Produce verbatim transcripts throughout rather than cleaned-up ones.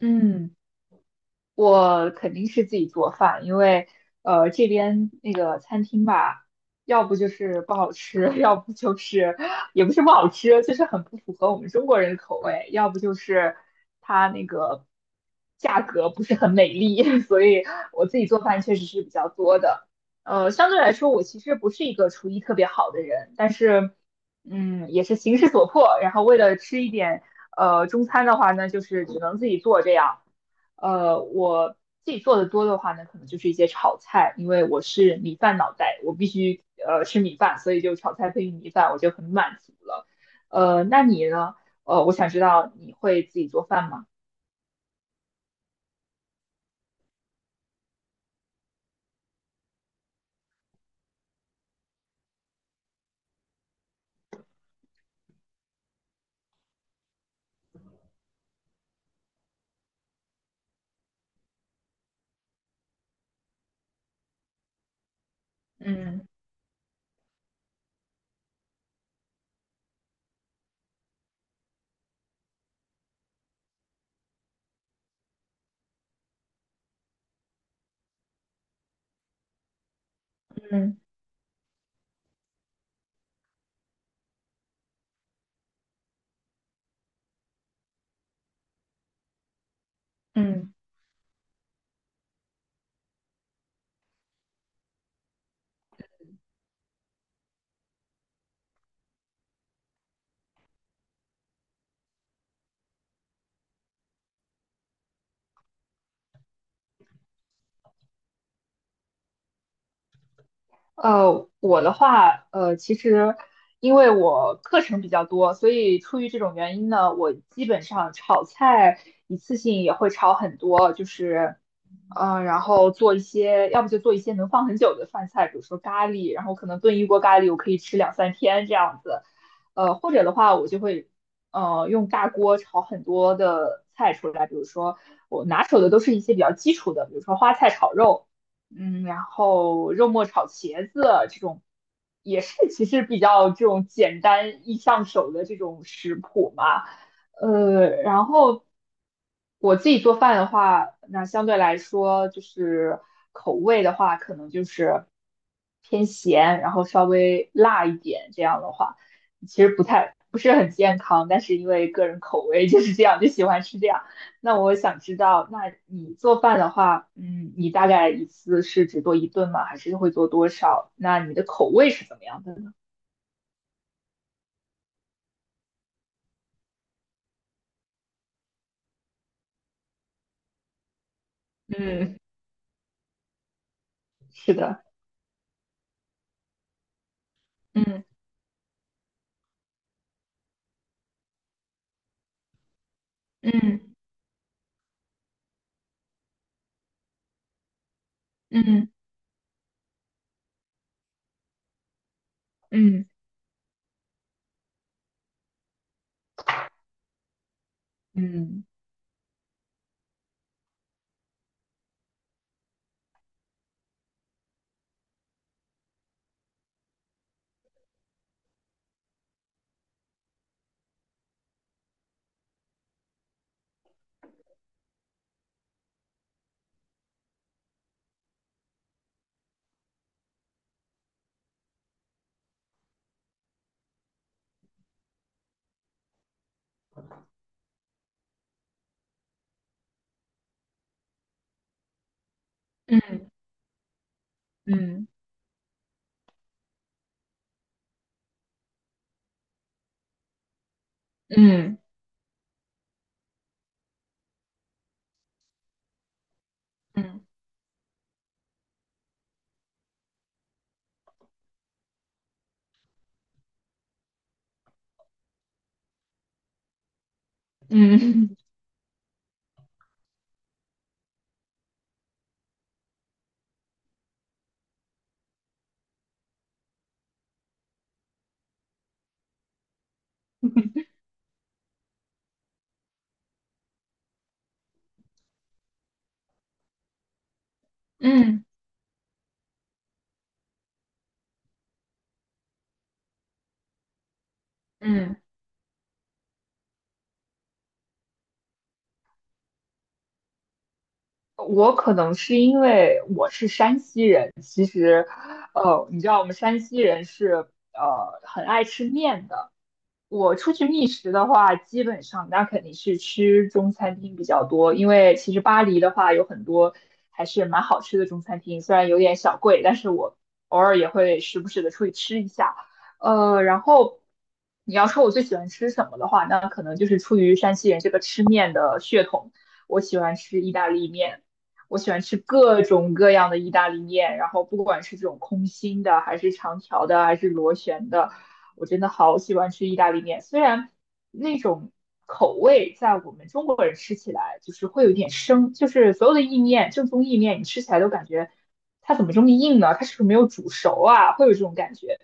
嗯，我肯定是自己做饭，因为呃这边那个餐厅吧，要不就是不好吃，要不就是也不是不好吃，就是很不符合我们中国人的口味，要不就是它那个价格不是很美丽，所以我自己做饭确实是比较多的。呃，相对来说，我其实不是一个厨艺特别好的人，但是嗯，也是形势所迫，然后为了吃一点呃中餐的话呢，就是只能自己做这样。呃，我自己做的多的话呢，可能就是一些炒菜，因为我是米饭脑袋，我必须呃吃米饭，所以就炒菜配米饭，我就很满足了。呃，那你呢？呃，我想知道你会自己做饭吗？嗯嗯嗯。呃，我的话，呃，其实因为我课程比较多，所以出于这种原因呢，我基本上炒菜一次性也会炒很多，就是呃，然后做一些，要不就做一些能放很久的饭菜，比如说咖喱，然后可能炖一锅咖喱，我可以吃两三天这样子。呃，或者的话，我就会呃用大锅炒很多的菜出来，比如说我拿手的都是一些比较基础的，比如说花菜炒肉，嗯，然后肉末炒茄子啊这种，也是其实比较这种简单易上手的这种食谱嘛。呃，然后我自己做饭的话，那相对来说就是口味的话，可能就是偏咸，然后稍微辣一点。这样的话，其实不太不是很健康，但是因为个人口味就是这样，就喜欢吃这样。那我想知道，那你做饭的话，嗯，你大概一次是只做一顿吗？还是会做多少？那你的口味是怎么样的呢？嗯，是的，嗯嗯嗯嗯。嗯嗯嗯嗯嗯嗯嗯嗯，我可能是因为我是山西人，其实，呃，你知道我们山西人是呃很爱吃面的，我出去觅食的话，基本上那肯定是吃中餐厅比较多，因为其实巴黎的话有很多还是蛮好吃的中餐厅，虽然有点小贵，但是我偶尔也会时不时的出去吃一下。呃，然后你要说我最喜欢吃什么的话，那可能就是出于山西人这个吃面的血统，我喜欢吃意大利面，我喜欢吃各种各样的意大利面，然后不管是这种空心的，还是长条的，还是螺旋的。我真的好喜欢吃意大利面，虽然那种口味在我们中国人吃起来就是会有点生，就是所有的意面，正宗意面，你吃起来都感觉它怎么这么硬呢？它是不是没有煮熟啊？会有这种感觉。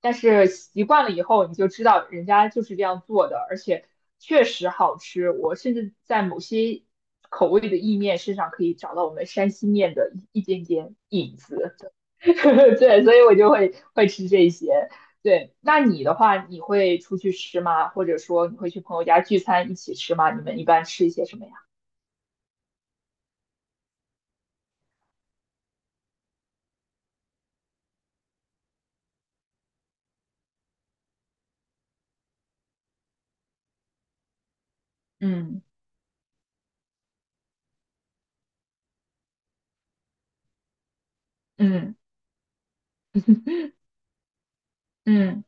但是习惯了以后，你就知道人家就是这样做的，而且确实好吃。我甚至在某些口味的意面身上可以找到我们山西面的一点点影子。对，所以我就会会吃这些。对，那你的话，你会出去吃吗？或者说你会去朋友家聚餐一起吃吗？你们一般吃一些什么呀？嗯嗯嗯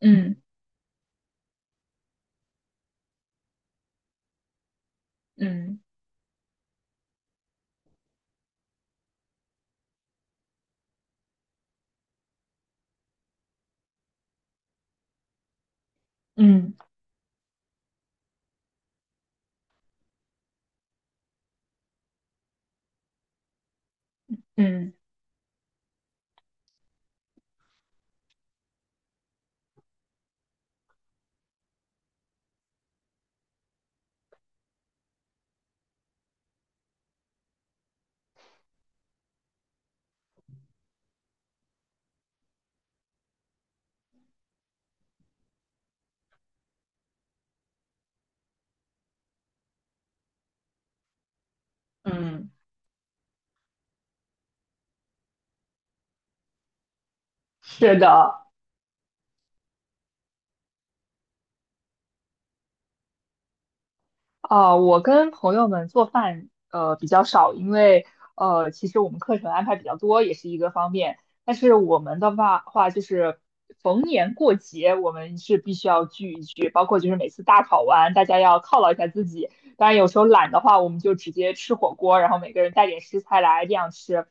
嗯嗯嗯嗯，嗯，是的，呃，我跟朋友们做饭呃比较少，因为呃其实我们课程安排比较多，也是一个方面。但是我们的话话就是逢年过节，我们是必须要聚一聚，包括就是每次大考完，大家要犒劳一下自己。当然有时候懒的话，我们就直接吃火锅，然后每个人带点食材来这样吃。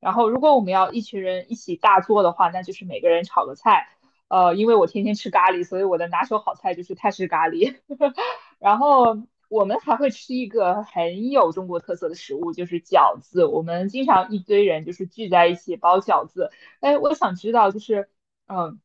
然后如果我们要一群人一起大做的话，那就是每个人炒个菜。呃，因为我天天吃咖喱，所以我的拿手好菜就是泰式咖喱。然后我们还会吃一个很有中国特色的食物，就是饺子。我们经常一堆人就是聚在一起包饺子。哎，我想知道，就是嗯，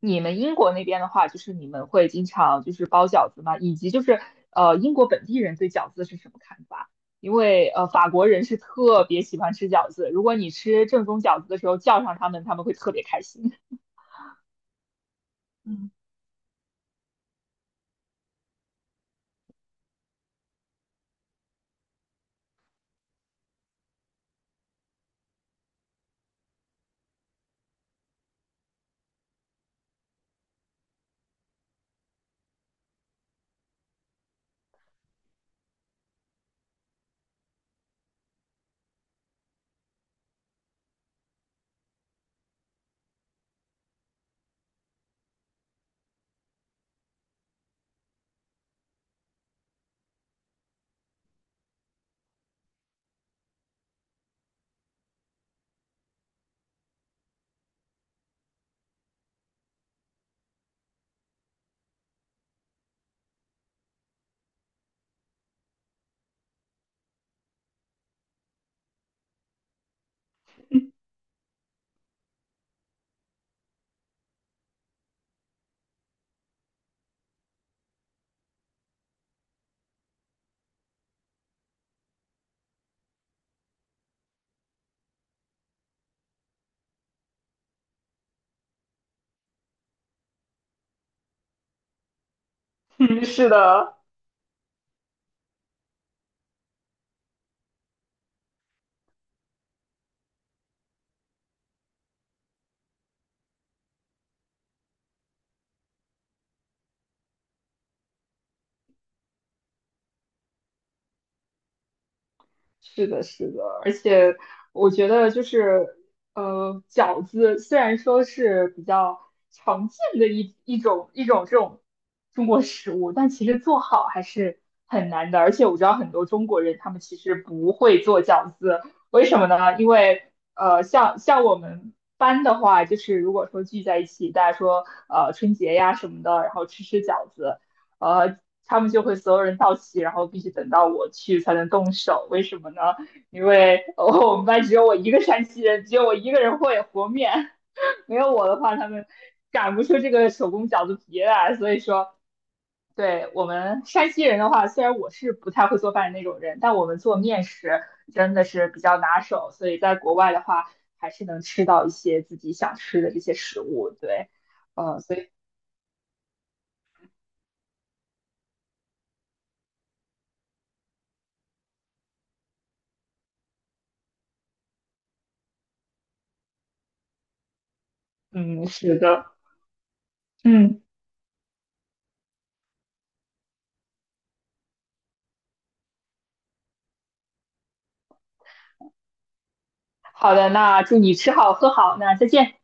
你们英国那边的话，就是你们会经常就是包饺子吗？以及就是呃，英国本地人对饺子是什么看法？因为呃，法国人是特别喜欢吃饺子，如果你吃正宗饺子的时候叫上他们，他们会特别开心。嗯，嗯是的，是的，是的，而且我觉得就是，呃，饺子虽然说是比较常见的一一种一种这种中国食物，但其实做好还是很难的。而且我知道很多中国人他们其实不会做饺子，为什么呢？因为呃，像像我们班的话，就是如果说聚在一起，大家说呃春节呀什么的，然后吃吃饺子。呃，他们就会所有人到齐，然后必须等到我去才能动手。为什么呢？因为哦，我们班只有我一个山西人，只有我一个人会和面，没有我的话，他们擀不出这个手工饺子皮来。所以说，对我们山西人的话，虽然我是不太会做饭的那种人，但我们做面食真的是比较拿手，所以在国外的话，还是能吃到一些自己想吃的这些食物。对，呃，所以嗯，是的，嗯。好的，那祝你吃好喝好，那再见。